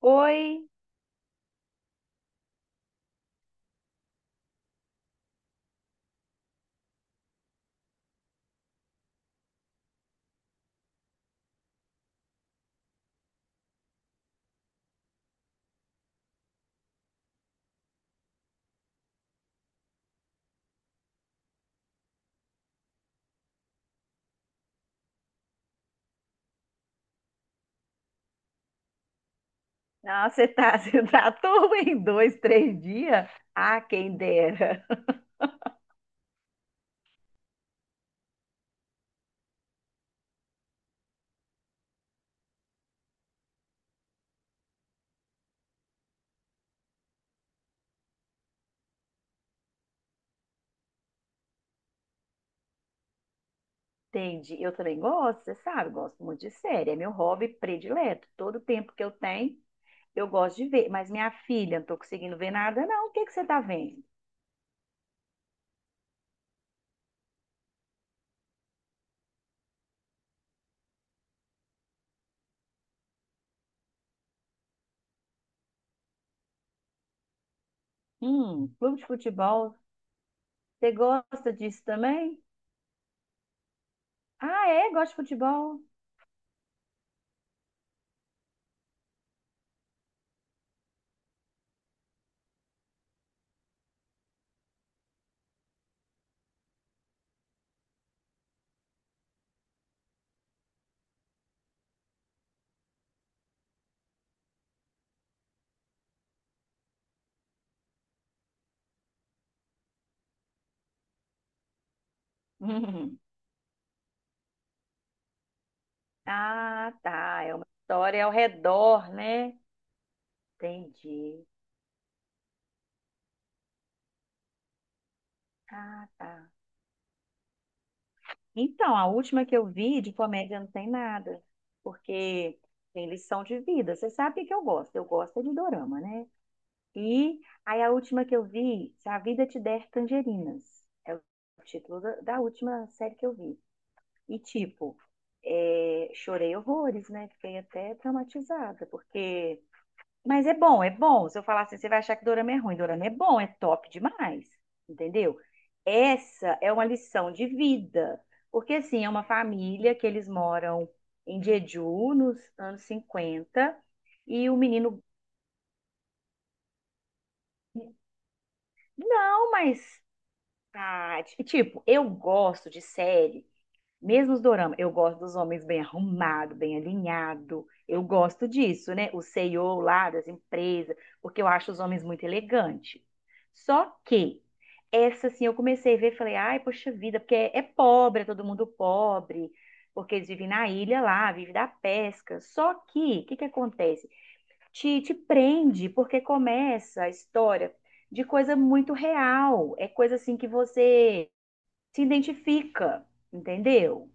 Oi, nossa, você tá, você tá tudo em dois, três dias? Ah, quem dera. Entendi, eu também gosto, você sabe, gosto muito de série, é meu hobby predileto. Todo tempo que eu tenho, eu gosto de ver. Mas minha filha, não tô conseguindo ver nada, não. O que que você tá vendo? Clube de futebol. Você gosta disso também? Ah, é? Gosto de futebol. Hum. Ah, tá, é uma história ao redor, né? Entendi. Ah, tá. Então, a última que eu vi de comédia não tem nada, porque tem lição de vida. Você sabe o que que eu gosto? Eu gosto é de dorama, né? E aí a última que eu vi, Se a Vida Te Der Tangerinas, é o título da, da última série que eu vi. E tipo, é, chorei horrores, né? Fiquei até traumatizada, porque mas é bom, é bom. Se eu falar assim, você vai achar que dorama é ruim. Dorama é bom, é top demais. Entendeu? Essa é uma lição de vida. Porque, assim, é uma família que eles moram em Jeju, nos anos 50 e o menino. Não, mas. Ah, tipo, eu gosto de série. Mesmo os dorama, eu gosto dos homens bem arrumados, bem alinhados. Eu gosto disso, né? O CEO lá das empresas, porque eu acho os homens muito elegantes. Só que essa, assim, eu comecei a ver, e falei, ai, poxa vida, porque é, é pobre, é todo mundo pobre, porque eles vivem na ilha lá, vivem da pesca. Só que, o que que acontece? Te prende, porque começa a história de coisa muito real. É coisa, assim, que você se identifica, entendeu?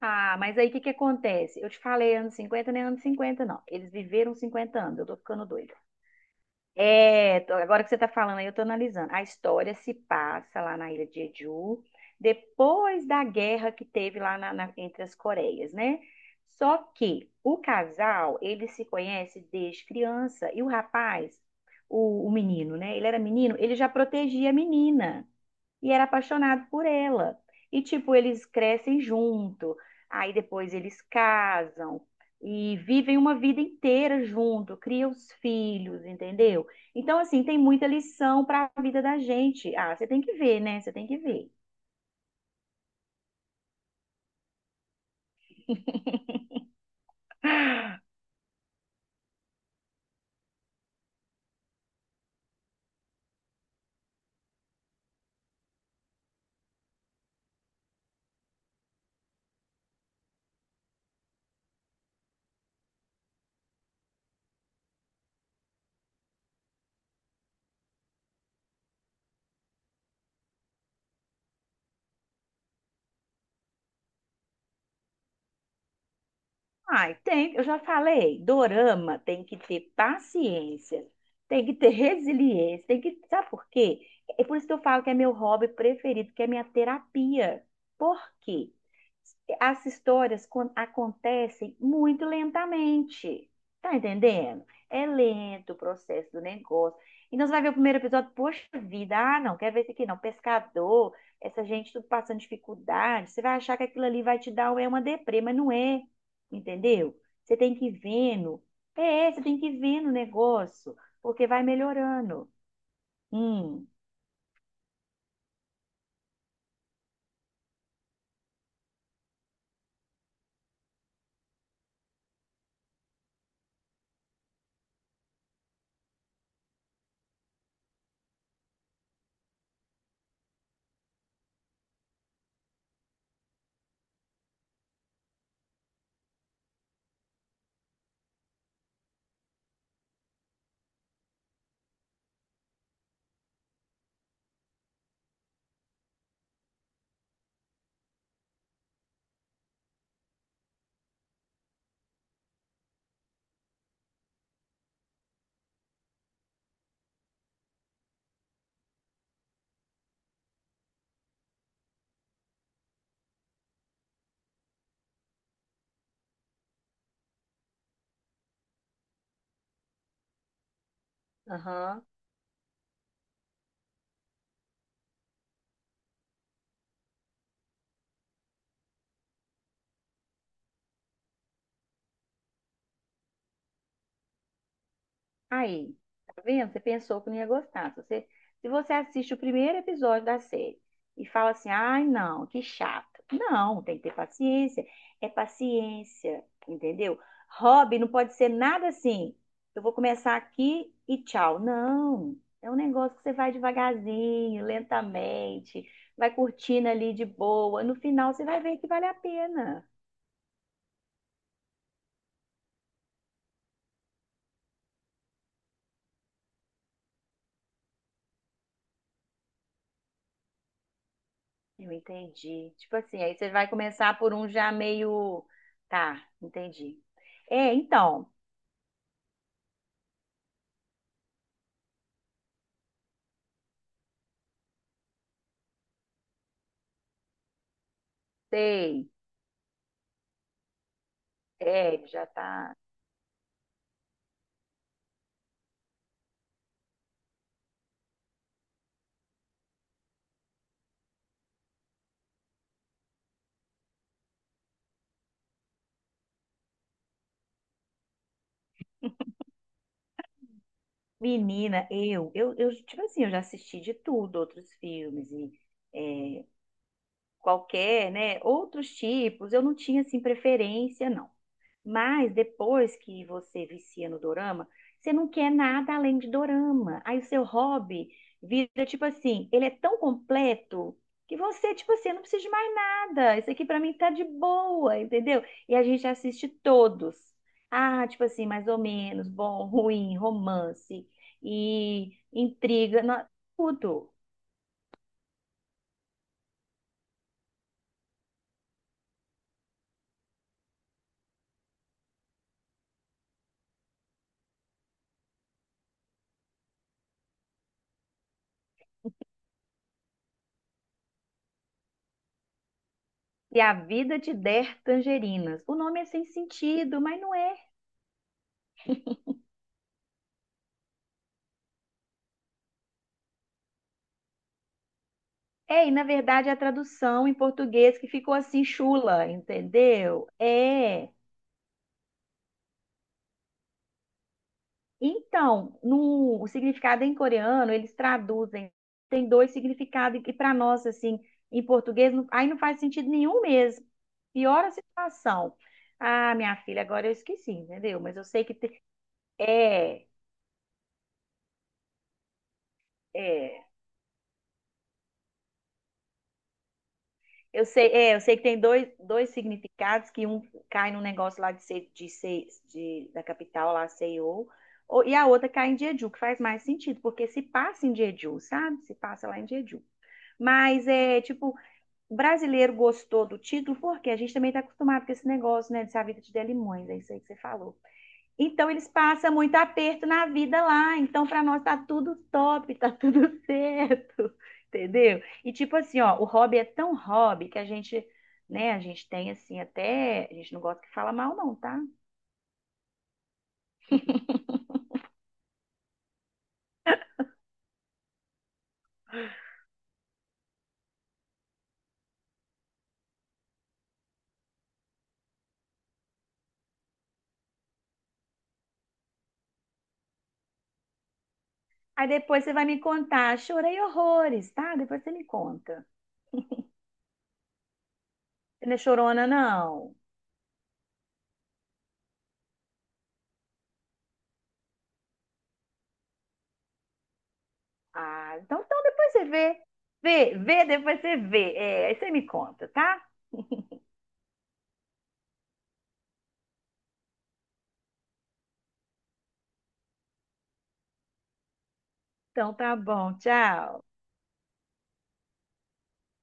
Ah, mas aí o que que acontece? Eu te falei anos 50 nem anos 50 não. Eles viveram 50 anos, eu tô ficando doida. É, tô- agora que você tá falando aí, eu tô analisando. A história se passa lá na ilha de Jeju, depois da guerra que teve lá entre as Coreias, né? Só que o casal, ele se conhece desde criança, e o rapaz, o menino, né? Ele era menino, ele já protegia a menina e era apaixonado por ela. E tipo, eles crescem junto, aí depois eles casam e vivem uma vida inteira junto, criam os filhos, entendeu? Então, assim, tem muita lição para a vida da gente. Ah, você tem que ver, né? Você tem que ver. Ai, tem, eu já falei, dorama tem que ter paciência, tem que ter resiliência, tem que, sabe por quê? É por isso que eu falo que é meu hobby preferido, que é minha terapia. Por quê? As acontecem muito lentamente. Tá entendendo? É lento o processo do negócio. Então você vai ver o primeiro episódio, poxa vida, ah, não, quer ver isso aqui não, pescador, essa gente tudo passando dificuldade. Você vai achar que aquilo ali vai te dar um, é uma deprê, mas não é, entendeu? Você tem que ir vendo. É, você tem que ir vendo o negócio, porque vai melhorando. Hum, aham. Aí, tá vendo? Você pensou que não ia gostar. Se você, se você assiste o primeiro episódio da série e fala assim, ai, não, que chato. Não, tem que ter paciência. É paciência, entendeu? Hobby não pode ser nada assim. Eu vou começar aqui e tchau. Não, é um negócio que você vai devagarzinho, lentamente, vai curtindo ali de boa. No final, você vai ver que vale a pena. Eu entendi. Tipo assim, aí você vai começar por um já meio. Tá, entendi. É, então, sei. É, já tá. Menina, eu, tipo assim, eu já assisti de tudo, outros filmes e é, qualquer, né? Outros tipos, eu não tinha, assim, preferência, não. Mas depois que você vicia no dorama, você não quer nada além de dorama. Aí o seu hobby vira tipo assim, ele é tão completo que você, tipo assim, eu não preciso de mais nada. Isso aqui pra mim tá de boa, entendeu? E a gente assiste todos. Ah, tipo assim, mais ou menos, bom, ruim, romance e intriga, nó- tudo. E a vida te der tangerinas. O nome é sem sentido, mas não é. É, e na verdade a tradução em português que ficou assim chula, entendeu? É. Então, no, o significado em coreano, eles traduzem, tem dois significados, e para nós, assim, em português, não- aí não faz sentido nenhum mesmo. Piora a situação. Ah, minha filha, agora eu esqueci, entendeu? Mas eu sei que tem. É, é. Eu sei, é, eu sei que tem dois, dois significados, que um cai no negócio lá de ser, de ser de, da capital, lá, CEO, ou- e a outra cai em Jeju, que faz mais sentido, porque se passa em Jeju, sabe? Se passa lá em Jeju. Mas é tipo, o brasileiro gostou do título, porque a gente também está acostumado com esse negócio, né? De ser a vida de Delimões, é isso aí que você falou. Então, eles passam muito aperto na vida lá. Então, para nós tá tudo top, tá tudo certo, entendeu? E tipo assim, ó, o hobby é tão hobby que a gente, né, a gente tem assim até, a gente não gosta que fala mal não, tá? Aí depois você vai me contar, chorei horrores, tá? Depois você me conta. Você não é chorona, não. Ah, então, então depois você vê. Vê, vê, depois você vê. É, aí você me conta, tá? Então tá bom, tchau.